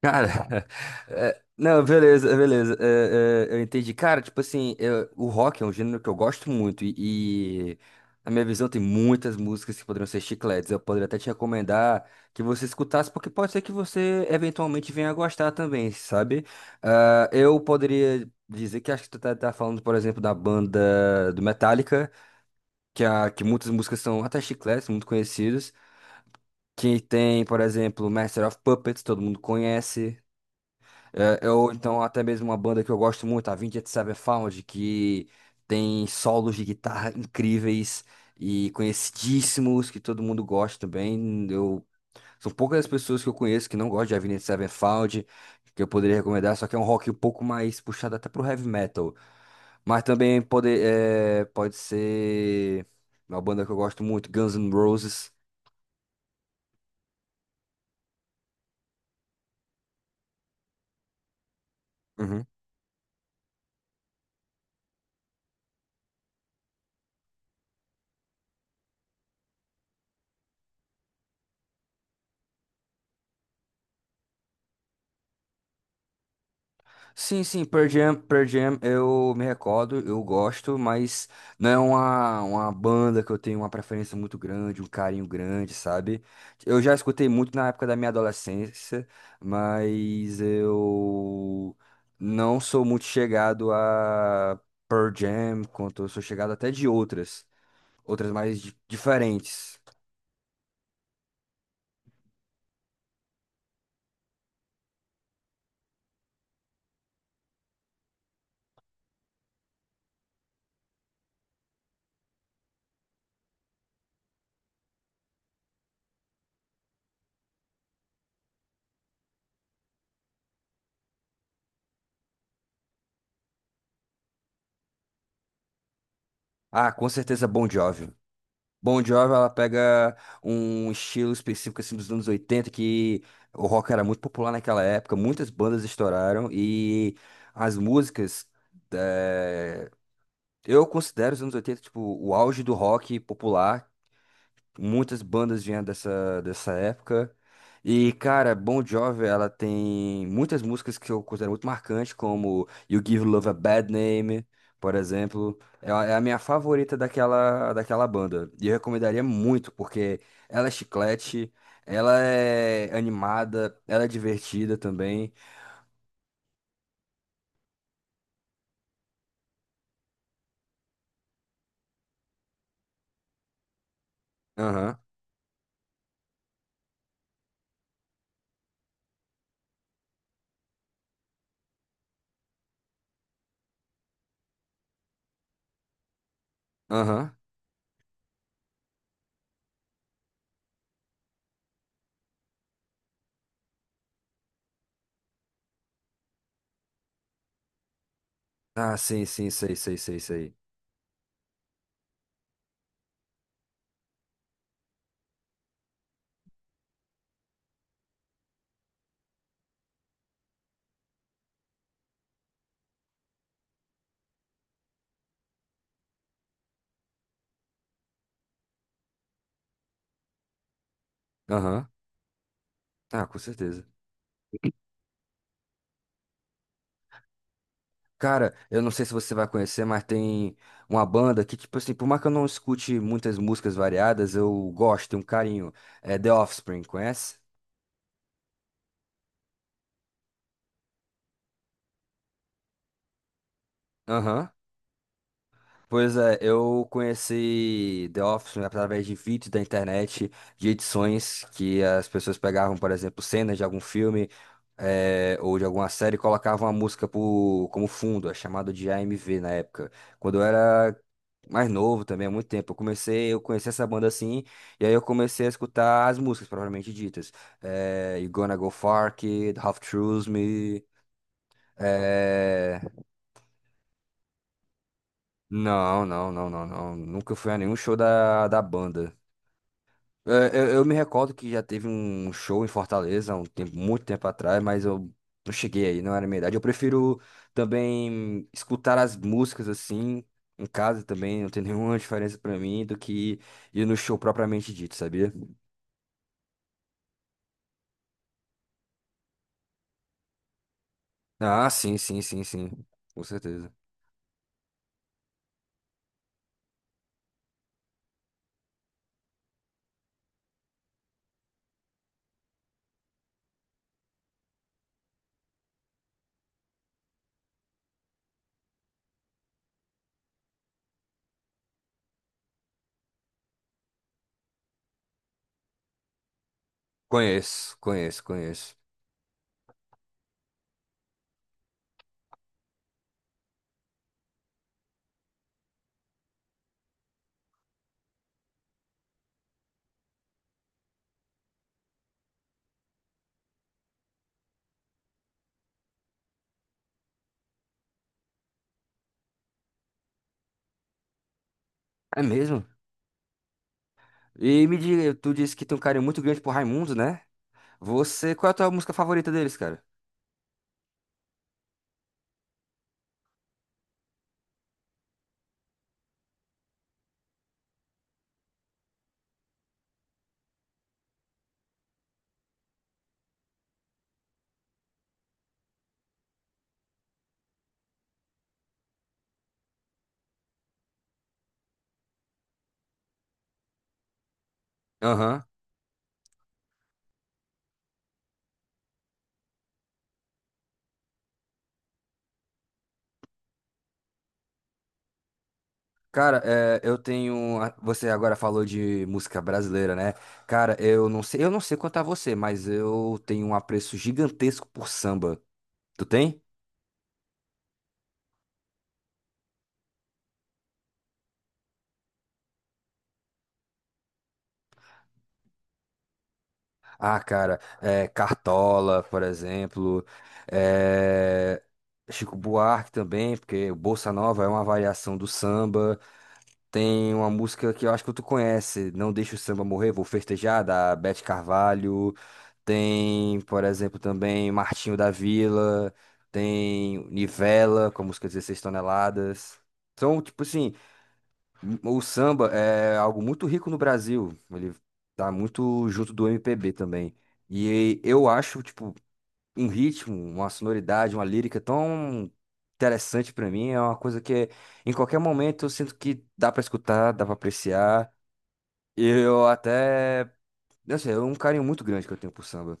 Cara, é, não, beleza, beleza. Eu entendi. Cara, tipo assim, o rock é um gênero que eu gosto muito e na minha visão tem muitas músicas que poderiam ser chicletes. Eu poderia até te recomendar que você escutasse, porque pode ser que você eventualmente venha a gostar também, sabe? Eu poderia dizer que acho que tu tá falando, por exemplo, da banda do Metallica, que muitas músicas são até chicletes, muito conhecidas. Que tem, por exemplo, Master of Puppets, todo mundo conhece. É, ou então até mesmo uma banda que eu gosto muito, a Avenged Sevenfold, que tem solos de guitarra incríveis e conhecidíssimos, que todo mundo gosta também. São poucas as pessoas que eu conheço que não gostam de Avenged Sevenfold, que eu poderia recomendar, só que é um rock um pouco mais puxado até pro heavy metal. Mas também pode ser uma banda que eu gosto muito, Guns N' Roses. Sim, sim, Pearl Jam, eu me recordo, eu gosto, mas não é uma banda que eu tenho uma preferência muito grande, um carinho grande, sabe? Eu já escutei muito na época da minha adolescência, mas eu não sou muito chegado a Pearl Jam, quanto eu sou chegado até de outras, diferentes. Ah, com certeza Bon Jovi. Bon Jovi, ela pega um estilo específico assim dos anos 80 que o rock era muito popular naquela época, muitas bandas estouraram e as músicas eh, eu considero os anos 80 tipo o auge do rock popular. Muitas bandas vinham dessa época. E, cara, Bon Jovi, ela tem muitas músicas que eu considero muito marcantes, como You Give Love a Bad Name, por exemplo. É a minha favorita daquela banda. E eu recomendaria muito, porque ela é chiclete, ela é animada, ela é divertida também. Aham, aham. Ah, sim, sim, sei, sei, sei, sei. Aham. Ah, com certeza. Cara, eu não sei se você vai conhecer, mas tem uma banda que, tipo assim, por mais que eu não escute muitas músicas variadas, eu gosto, tenho um carinho. É The Offspring, conhece? Aham. Pois é, eu conheci The Office através de vídeos da internet, de edições que as pessoas pegavam, por exemplo, cenas de algum filme ou de alguma série e colocavam a música por, como fundo, é chamado de AMV na época. Quando eu era mais novo também, há muito tempo, eu conheci essa banda assim, e aí eu comecei a escutar as músicas propriamente ditas. You Gonna Go Far, Kid, Half Truth Me, eh, Não, não, não, não, não. Nunca fui a nenhum show da banda. É, eu me recordo que já teve um show em Fortaleza, há um tempo, muito tempo atrás, mas eu não cheguei aí, não era a minha idade. Eu prefiro também escutar as músicas assim, em casa também, não tem nenhuma diferença pra mim do que ir no show propriamente dito, sabia? Ah, sim, sim, sim, sim. Com certeza. Conheço, conheço, conheço. É mesmo? E me diga, tu disse que tem um carinho muito grande por Raimundo, né? Você, qual é a tua música favorita deles, cara? Aham. Cara, é, Você agora falou de música brasileira, né? Cara, eu não sei quanto a você, mas eu tenho um apreço gigantesco por samba. Tu tem? Ah, cara, é, Cartola, por exemplo, é, Chico Buarque também, porque o Bossa Nova é uma variação do samba. Tem uma música que eu acho que tu conhece, Não Deixa o Samba Morrer, Vou Festejar, da Beth Carvalho. Tem, por exemplo, também Martinho da Vila. Tem Nivela, com a música Dezesseis Toneladas. Então, tipo assim, o samba é algo muito rico no Brasil. Ele tá muito junto do MPB também. E eu acho, tipo, um ritmo, uma sonoridade, uma lírica tão interessante pra mim. É uma coisa que em qualquer momento eu sinto que dá pra escutar, dá pra apreciar. eu até, não sei, é um carinho muito grande que eu tenho por samba.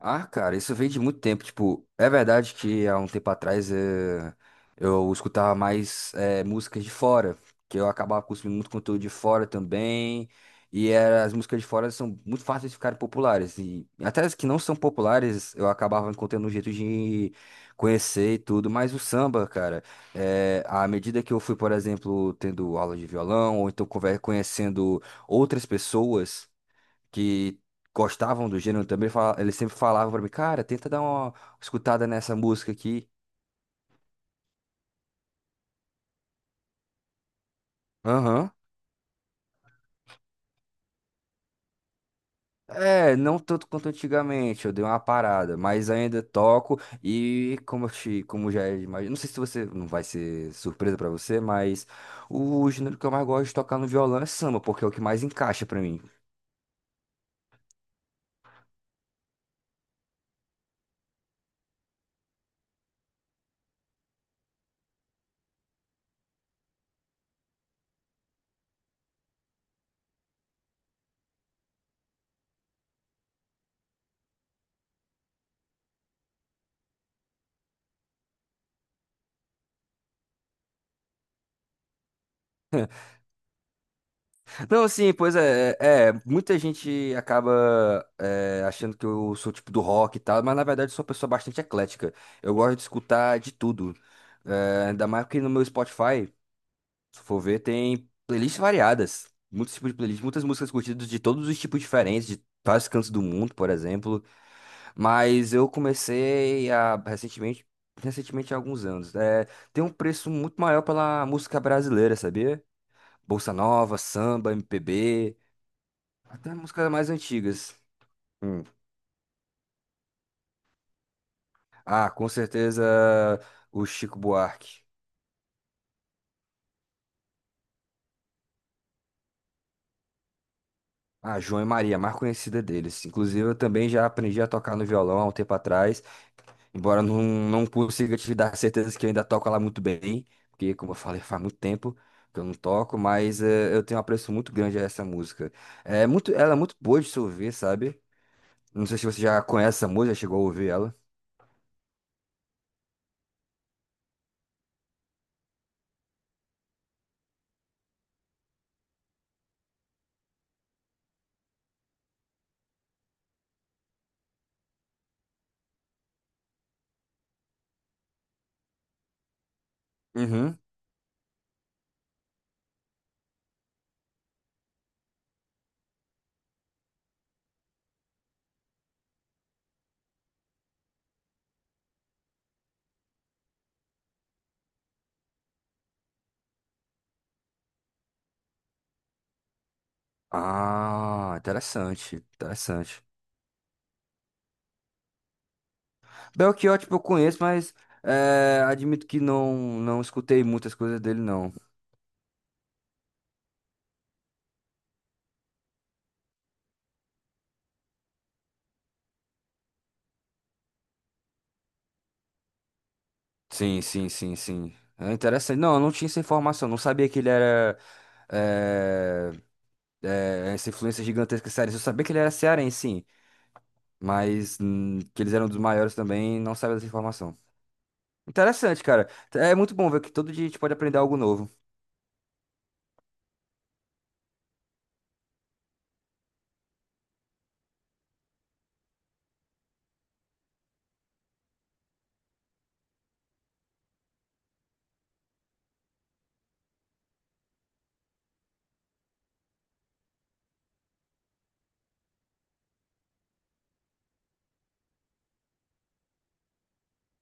Ah, cara, isso vem de muito tempo. Tipo, é verdade que há um tempo atrás eu escutava mais músicas de fora, que eu acabava consumindo muito conteúdo de fora também. As músicas de fora são muito fáceis de ficarem populares. E até as que não são populares, eu acabava encontrando um jeito de conhecer e tudo. Mas o samba, cara, à medida que eu fui, por exemplo, tendo aula de violão, ou então conhecendo outras pessoas que gostavam do gênero também, eles sempre falavam pra mim, cara, tenta dar uma escutada nessa música aqui. Aham. É, não tanto quanto antigamente, eu dei uma parada, mas ainda toco e como eu te, como já é, mas não sei se você, não vai ser surpresa pra você, mas o gênero que eu mais gosto de tocar no violão é samba, porque é o que mais encaixa pra mim. Não, sim, pois é, muita gente acaba achando que eu sou tipo do rock e tal, mas na verdade eu sou uma pessoa bastante eclética. Eu gosto de escutar de tudo. É, ainda mais que no meu Spotify, se for ver, tem playlists variadas, muitos tipos de playlists, muitas músicas curtidas de todos os tipos diferentes, de vários cantos do mundo, por exemplo. Mas eu comecei a recentemente há alguns anos. É, tem um preço muito maior pela música brasileira, sabia? Bolsa Nova, samba, MPB. Até músicas mais antigas. Hum. Ah, com certeza o Chico Buarque. Ah, João e Maria, a mais conhecida deles. Inclusive, eu também já aprendi a tocar no violão há um tempo atrás, embora não consiga te dar certeza que eu ainda toco lá muito bem, porque, como eu falei, faz muito tempo que eu não toco, mas eu tenho um apreço muito grande a essa música. É muito, ela é muito boa de se ouvir, sabe? Não sei se você já conhece essa música, chegou a ouvir ela. Uhum. Ah, interessante, interessante. Belchior, tipo, eu conheço, mas é, admito que não, não escutei muitas coisas dele, não. Sim, sim, sim, sim. É interessante. Não, eu não tinha essa informação. Não sabia que ele era é, essa influência gigantesca cearense. Eu sabia que ele era cearense, sim. Mas que eles eram dos maiores também, não sabia dessa informação. Interessante, cara. É muito bom ver que todo dia a gente pode aprender algo novo.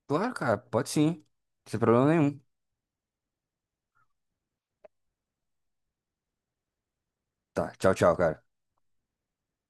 Claro, cara, pode sim. Sem problema nenhum. Tá, tchau, tchau, cara.